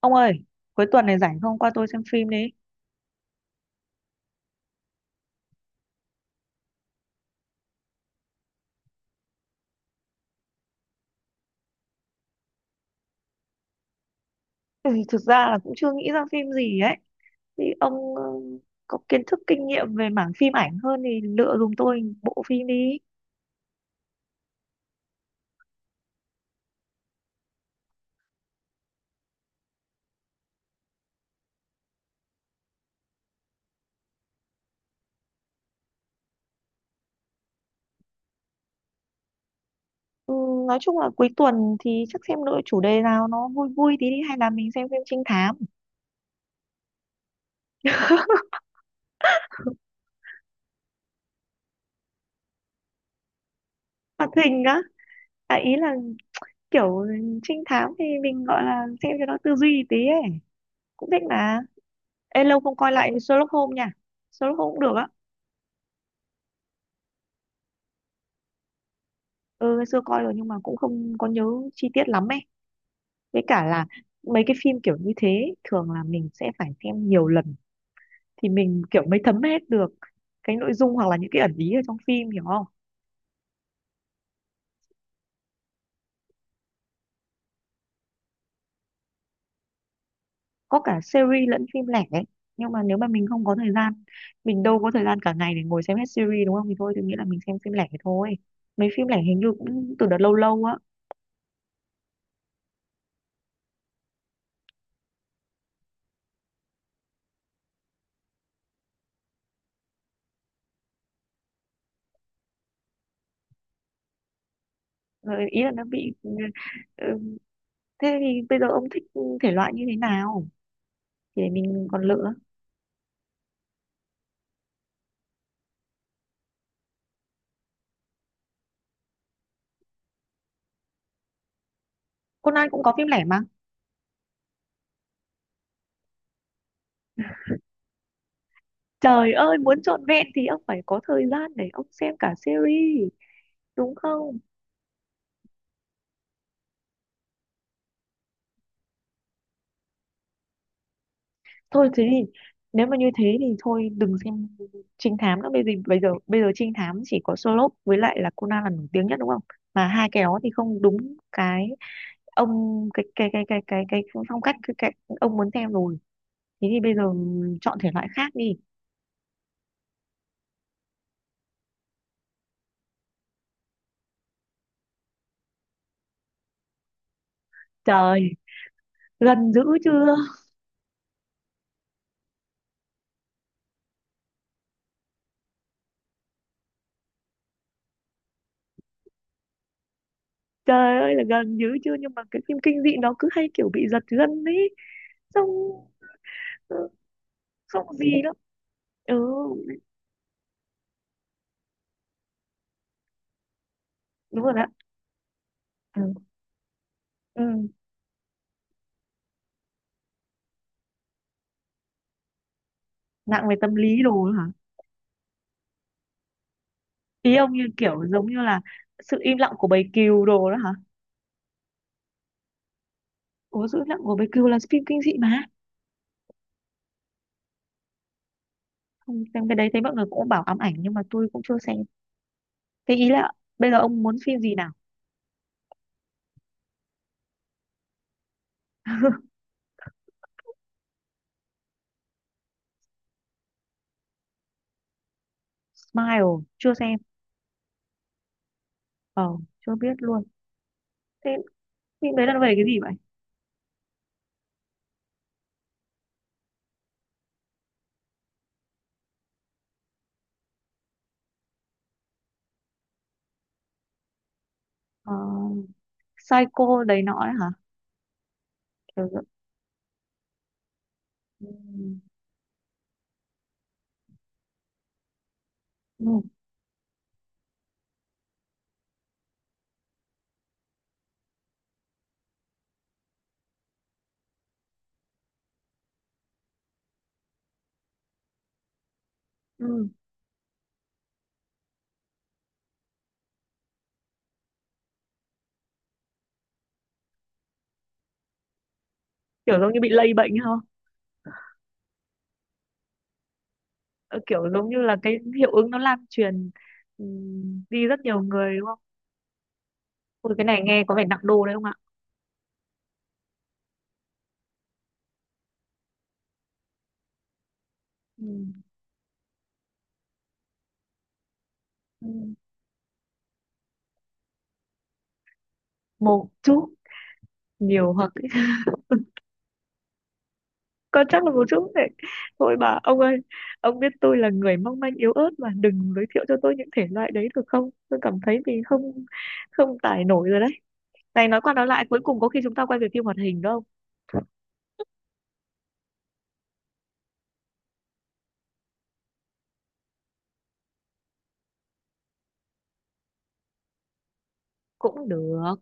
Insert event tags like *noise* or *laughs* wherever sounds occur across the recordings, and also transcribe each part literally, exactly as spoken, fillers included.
Ông ơi, cuối tuần này rảnh không qua tôi xem phim đi. Ừ, thực ra là cũng chưa nghĩ ra phim gì ấy. Thì ông ờ, có kiến thức kinh nghiệm về mảng phim ảnh hơn thì lựa giùm tôi bộ phim đi. Ừ, nói chung là cuối tuần thì chắc xem lựa chủ đề nào nó vui vui tí đi hay là mình xem phim trinh thám. *laughs* Hoạt hình á, à, ý là kiểu trinh thám thì mình gọi là xem cho nó tư duy tí ấy. Cũng thích mà. Ê, lâu không coi lại Sherlock Holmes nha. Sherlock Holmes cũng được á. Ừ, ngày xưa coi rồi nhưng mà cũng không có nhớ chi tiết lắm ấy, với cả là mấy cái phim kiểu như thế thường là mình sẽ phải xem nhiều lần thì mình kiểu mới thấm hết được cái nội dung, hoặc là những cái ẩn ý ở trong phim, hiểu không. Có cả series lẫn phim lẻ ấy, nhưng mà nếu mà mình không có thời gian, mình đâu có thời gian cả ngày để ngồi xem hết series đúng không, thì thôi tôi nghĩ là mình xem phim lẻ thôi. Mấy phim lẻ hình như cũng từ đợt lâu lâu á. Ờ, ý là nó bị, ừ, thế thì bây giờ ông thích thể loại như thế nào thì để mình còn lựa. Conan cũng có phim lẻ mà. Trời ơi, muốn trọn vẹn thì ông phải có thời gian để ông xem cả series, đúng không? Thôi thế thì nếu mà như thế thì thôi đừng xem trinh thám nữa. Bây giờ bây giờ bây giờ trinh thám chỉ có Sherlock với lại là Conan là nổi tiếng nhất, đúng không? Mà hai cái đó thì không đúng cái ông, cái cái cái cái cái cái phong cách, cái, cái ông muốn xem rồi. Thế thì bây giờ chọn thể loại khác đi. Trời, gần dữ chưa? Trời ơi là gần dữ chưa, nhưng mà cái phim kinh dị nó cứ hay kiểu bị giật gân ấy. Xong xong gì lắm. Ừ, đúng rồi đó. Ừ. Ừ. Nặng về tâm lý đồ đó hả? Ý ông như kiểu giống như là sự im lặng của bầy cừu đồ đó hả? Ủa, sự im lặng của bầy cừu là phim kinh dị mà. Không, xem cái đấy thấy mọi người cũng bảo ám ảnh nhưng mà tôi cũng chưa xem. Thế ý là bây giờ ông muốn phim gì nào? *laughs* Smile chưa xem. ờ Chưa biết luôn. Thế phim đấy là nó về cái gì vậy? Ờ, Psycho đấy nọ ấy hả? Kiểu, gi- ừ, ừ, ừ, kiểu giống như bị lây bệnh hả? Ờ, kiểu giống như là cái hiệu ứng nó lan truyền ừm, đi rất nhiều người đúng không? Ôi cái này nghe có vẻ nặng đô đấy không ạ? Ừm. Ừm. Một chút. Nhiều hoặc có chắc là một chút đấy. Thôi bà ông ơi, ông biết tôi là người mong manh yếu ớt mà đừng giới thiệu cho tôi những thể loại đấy được không? Tôi cảm thấy mình không không tải nổi rồi đấy. Này nói qua nói lại cuối cùng có khi chúng ta quay về phim hoạt hình đúng không? Cũng được.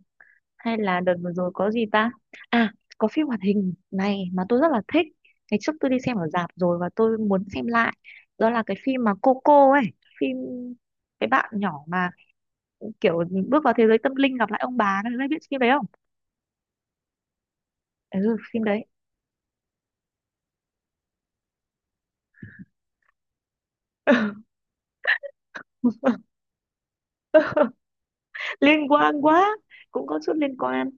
Hay là đợt vừa rồi có gì ta. À, có phim hoạt hình này mà tôi rất là thích, ngày trước tôi đi xem ở rạp rồi và tôi muốn xem lại. Đó là cái phim mà Coco ấy, phim cái bạn nhỏ mà kiểu bước vào thế giới tâm linh gặp lại ông bà đấy, biết phim đấy không? Ừ, phim đấy. *laughs* Liên quan quá. Cũng có chút liên quan.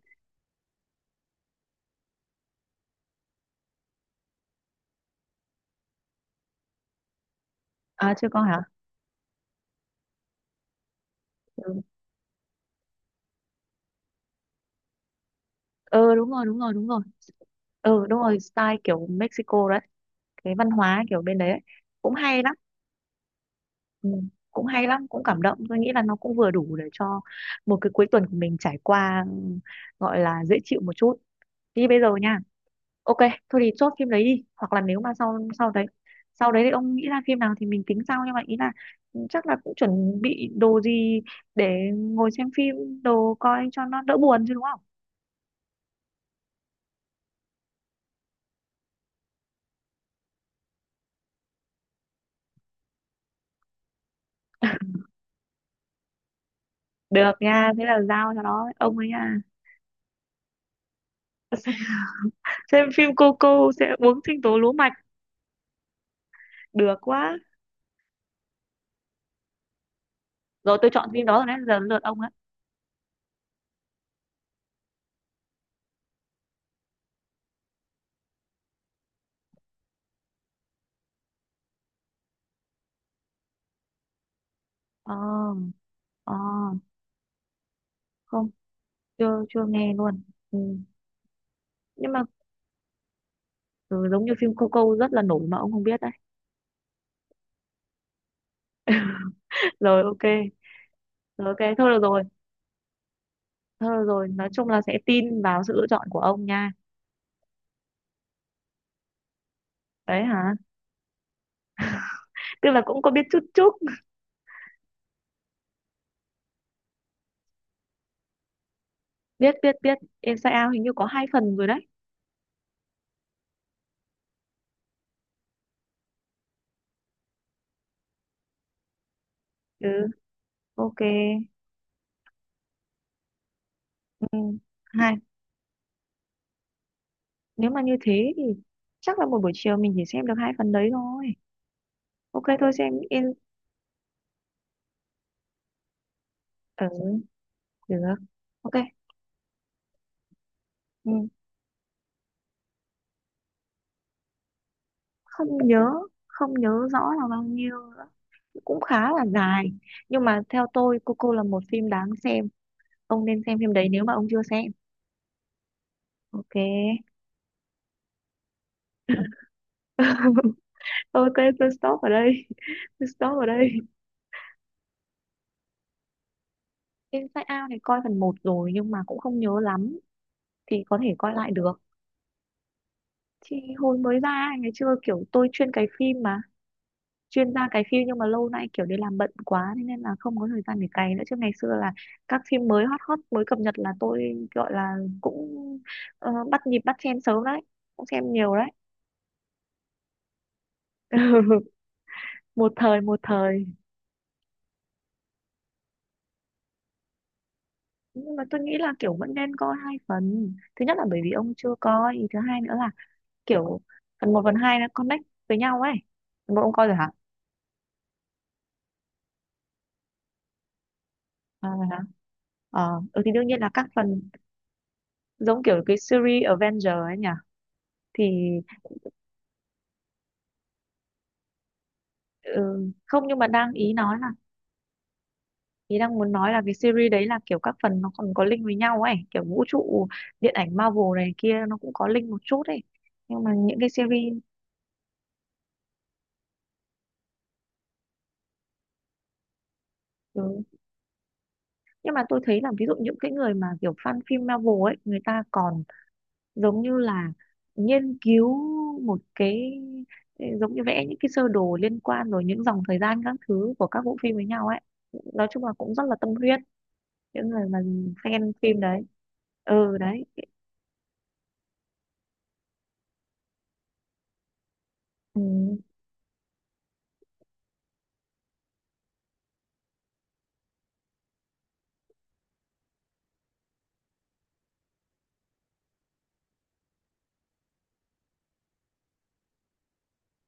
À chưa có hả. Ừ. Ờ, đúng rồi đúng rồi đúng rồi. Ừ đúng rồi, style kiểu Mexico đấy, cái văn hóa kiểu bên đấy ấy. Cũng hay lắm. Ừ, cũng hay lắm, cũng cảm động. Tôi nghĩ là nó cũng vừa đủ để cho một cái cuối tuần của mình trải qua, ừ, gọi là dễ chịu một chút. Đi bây giờ nha. Ok. Thôi thì chốt phim đấy đi, hoặc là nếu mà sau sau đấy, sau đấy thì ông nghĩ ra phim nào thì mình tính sau, nhưng mà ý là, ừ, chắc là cũng chuẩn bị đồ gì để ngồi xem phim, đồ coi cho nó đỡ buồn chứ đúng không. Được nha, thế là giao cho nó ông ấy nha. *laughs* Xem phim cô cô sẽ uống sinh tố lúa mạch được quá. Rồi, tôi chọn phim đó rồi đấy, giờ đến lượt ông ấy. Ờ. Ờ. Không, chưa chưa nghe luôn. Ừ. Nhưng mà, ừ, giống như phim Cô Câu rất là nổi mà ông không biết đấy. *laughs* Rồi ok. Rồi ok thôi được rồi. Thôi được rồi, nói chung là sẽ tin vào sự lựa chọn của ông nha. Đấy hả, tức là cũng có biết chút chút. *laughs* Biết biết biết Inside Out, hình như có hai phần rồi đấy. Ừ ok. Ừ. hai Nếu mà như thế thì chắc là một buổi chiều mình chỉ xem được hai phần đấy thôi. Ok thôi xem in ừ được ok. Ừ. không nhớ không nhớ rõ là bao nhiêu, cũng khá là dài. Nhưng mà theo tôi Coco là một phim đáng xem, ông nên xem phim đấy nếu mà ông chưa xem. Ok. *laughs* Ok, tôi stop ở đây. *laughs* Tôi stop ở đây. Inside Out này coi phần một rồi nhưng mà cũng không nhớ lắm, thì có thể coi lại được. Thì hồi mới ra ngày xưa kiểu tôi chuyên cày phim mà, chuyên ra cày phim, nhưng mà lâu nay kiểu đi làm bận quá thế nên là không có thời gian để cày nữa, chứ ngày xưa là các phim mới hot hot mới cập nhật là tôi gọi là cũng, ờ, bắt nhịp bắt chen sớm đấy, cũng xem nhiều đấy. *laughs* Một thời, một thời. Nhưng mà tôi nghĩ là kiểu vẫn nên coi hai phần, thứ nhất là bởi vì ông chưa coi thứ hai, nữa là kiểu phần một phần hai nó connect với nhau ấy. Phần ông coi rồi hả. À, rồi hả. Ờ ừ, thì đương nhiên là các phần giống kiểu cái series Avenger ấy nhỉ. Thì, ừ, không, nhưng mà đang ý nói là, ý đang muốn nói là cái series đấy là kiểu các phần nó còn có link với nhau ấy, kiểu vũ trụ điện ảnh Marvel này kia nó cũng có link một chút ấy. Nhưng mà những cái series, ừ, nhưng mà tôi thấy là ví dụ những cái người mà kiểu fan phim Marvel ấy, người ta còn giống như là nghiên cứu một cái, giống như vẽ những cái sơ đồ liên quan rồi những dòng thời gian các thứ của các bộ phim với nhau ấy. Nói chung là cũng rất là tâm huyết những người mà fan phim đấy. Ừ đấy. Ừ.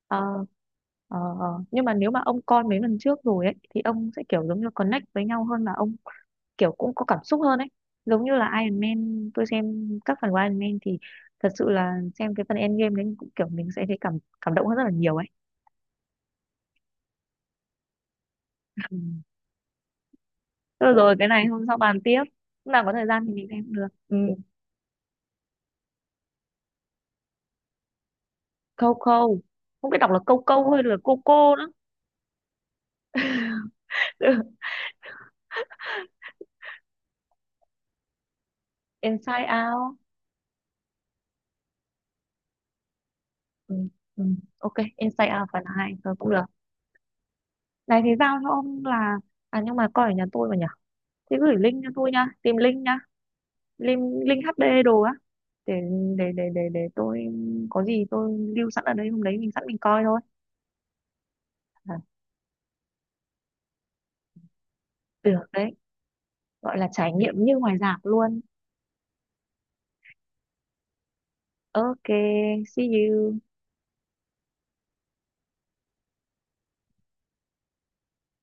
Ờ, ờ, ờ. Nhưng mà nếu mà ông coi mấy lần trước rồi ấy thì ông sẽ kiểu giống như connect với nhau hơn, là ông kiểu cũng có cảm xúc hơn ấy. Giống như là Iron Man, tôi xem các phần của Iron Man thì thật sự là xem cái phần Endgame đấy cũng kiểu mình sẽ thấy cảm cảm động hơn rất là nhiều ấy. Ừ. *laughs* Thôi rồi, cái này hôm sau bàn tiếp, lúc nào có thời gian thì mình xem cũng được. Ừ. Câu câu, không biết đọc là câu câu hay là cô cô nữa. *laughs* Ừ. Inside Out. Ừ. Ừ. Ok Inside Out phần hai thôi cũng được. Này thì giao cho ông là, à nhưng mà coi ở nhà tôi mà nhỉ, thế gửi link cho tôi nha, tìm link nha. Link link hát đê đồ á, để để để để để tôi có gì tôi lưu sẵn ở đây, hôm đấy mình sẵn mình coi thôi. À, được đấy, gọi là trải nghiệm như ngoài rạp luôn. Ok. See you.